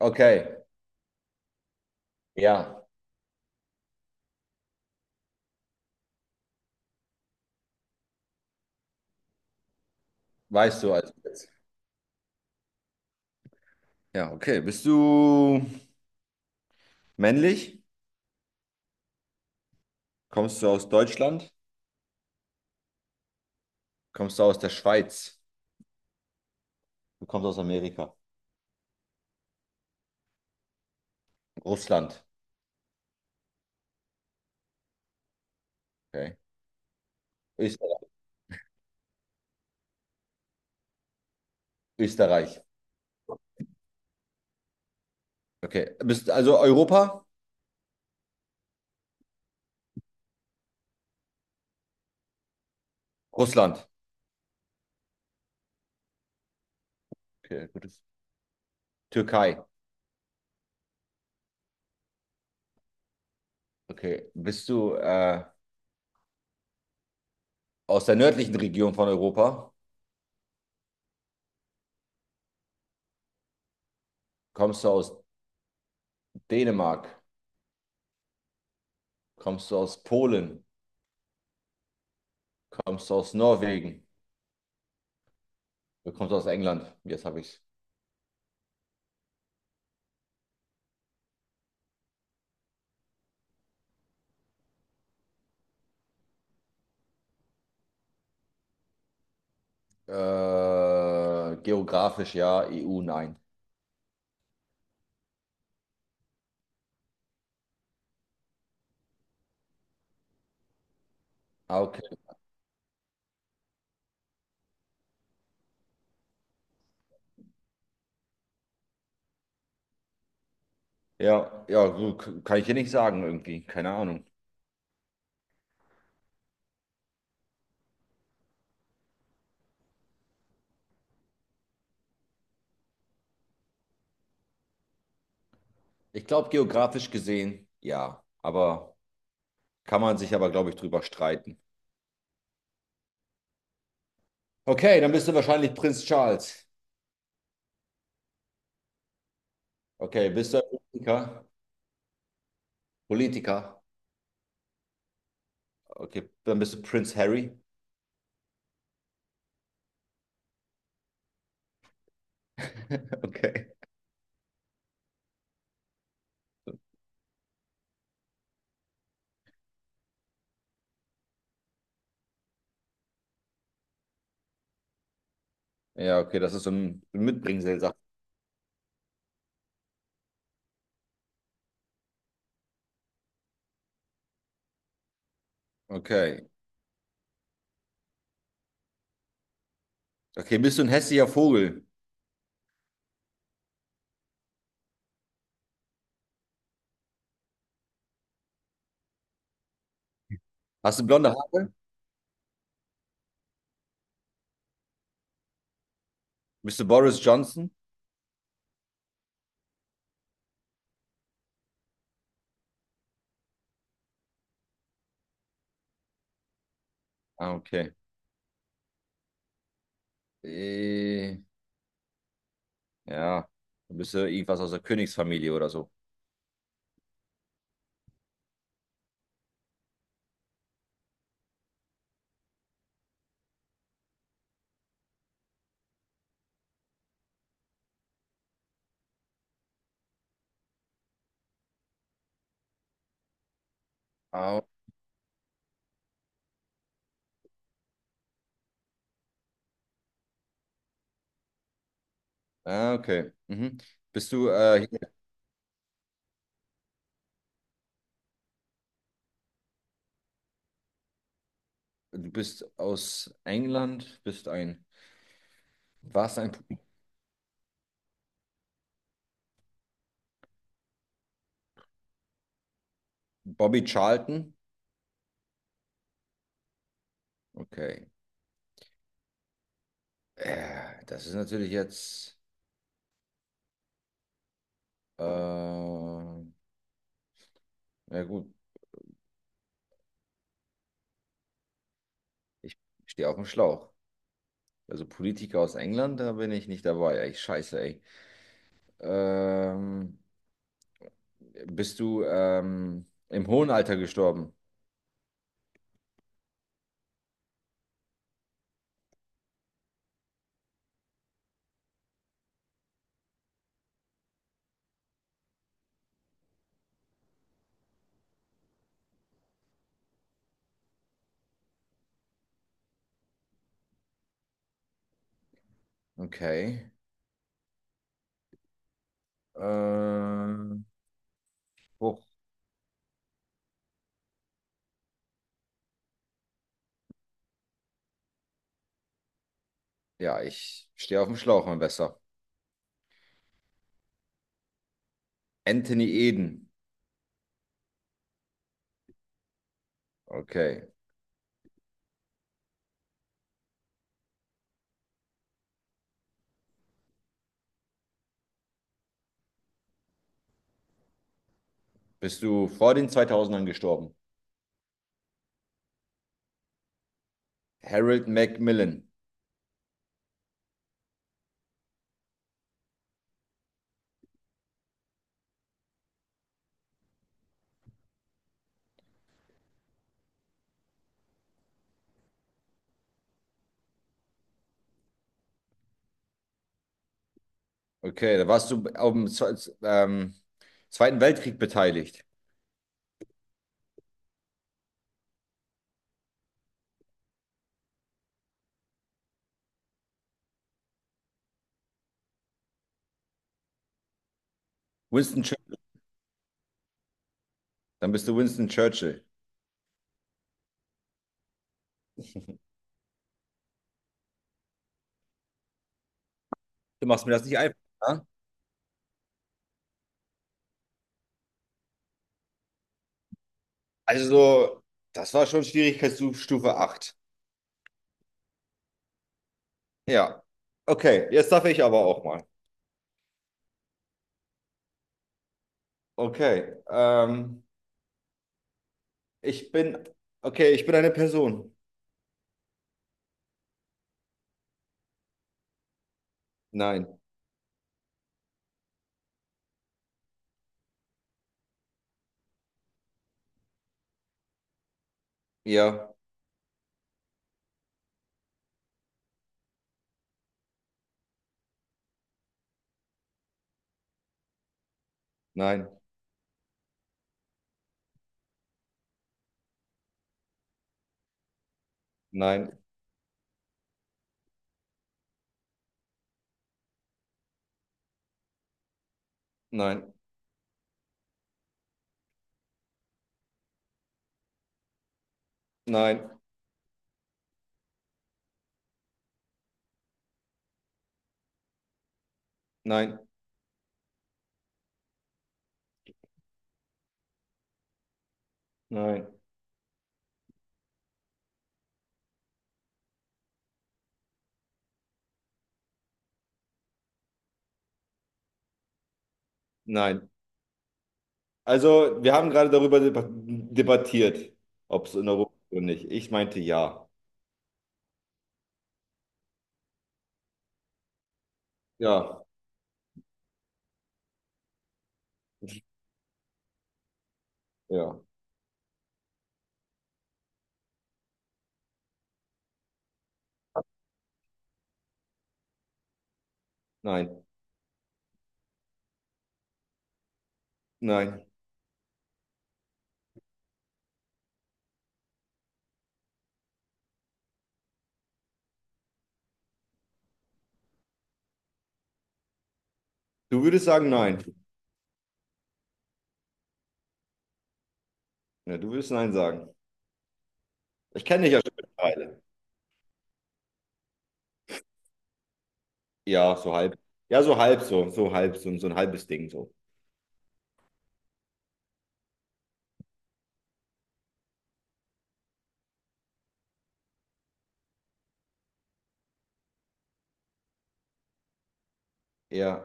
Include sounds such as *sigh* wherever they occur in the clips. Okay, ja, weißt du also jetzt. Ja, okay. Bist du männlich? Kommst du aus Deutschland? Kommst du aus der Schweiz? Du kommst aus Amerika. Russland. Okay. Österreich. Österreich. Okay. Bist also Europa? Russland. Okay, gutes. Türkei. Okay. Bist du aus der nördlichen Region von Europa? Kommst du aus Dänemark? Kommst du aus Polen? Kommst du aus Norwegen? Du kommst aus England. Jetzt habe ich es. Geografisch ja, EU nein. Ah, okay. Ja, ja, gut, kann ich hier nicht sagen irgendwie, keine Ahnung. Ich glaube, geografisch gesehen, ja, aber kann man sich aber, glaube ich, drüber streiten. Okay, dann bist du wahrscheinlich Prinz Charles. Okay, bist du ein Politiker? Politiker. Okay, dann bist du Prinz Harry. *laughs* Okay. Ja, okay, das ist so ein Mitbringsel, sagt. Okay. Okay, bist du ein hässlicher Vogel? Hast du blonde Haare? Bist du Boris Johnson? Ah, okay. Äh, Ja, du bist ja irgendwas aus der Königsfamilie oder so. Ah, ah, okay. Mhm. Bist du, äh, hier- Du bist aus England, bist ein, warst ein Bobby Charlton? Okay. Das ist natürlich jetzt, ja gut, ich stehe auf dem Schlauch. Also Politiker aus England, da bin ich nicht dabei. Ey, scheiße, ey. Ähm, Bist du im hohen Alter gestorben? Okay. Ähm, Ja, ich stehe auf dem Schlauch, mein Bester. Anthony Eden. Okay. Bist du vor den 2000ern gestorben? Harold Macmillan. Okay, da warst du am Zweiten Weltkrieg beteiligt. Winston Churchill. Dann bist du Winston Churchill. Du machst mir das nicht einfach. Ne? Also, das war schon Schwierigkeitsstufe 8. Ja. Okay, jetzt darf ich aber auch mal. Okay. Ich bin. Okay, ich bin eine Person. Nein. Ja. Nein. Nein. Nein. Nein, nein, nein, nein. Also, wir haben gerade darüber debattiert, ob es in Europa ist oder nicht. Ich meinte ja. Ja, ja, nein, nein. Du würdest sagen nein. Ja, du würdest nein sagen. Ich kenne dich ja schon mittlerweile. Ja, so halb. Ja, so halb so, so halb so, so ein halbes Ding so. Ja,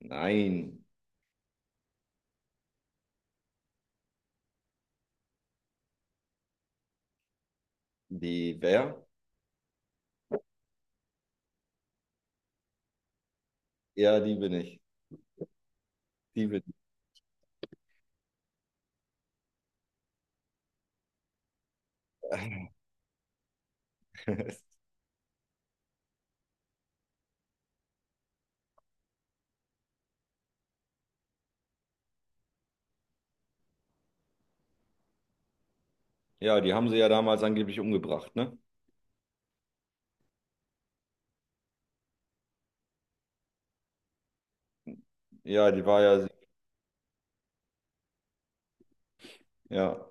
nein. Die wer? Ja, die bin ich. Die bin ich. *laughs* Ja, die haben sie ja damals angeblich umgebracht, ne? Ja, die war ja, ja.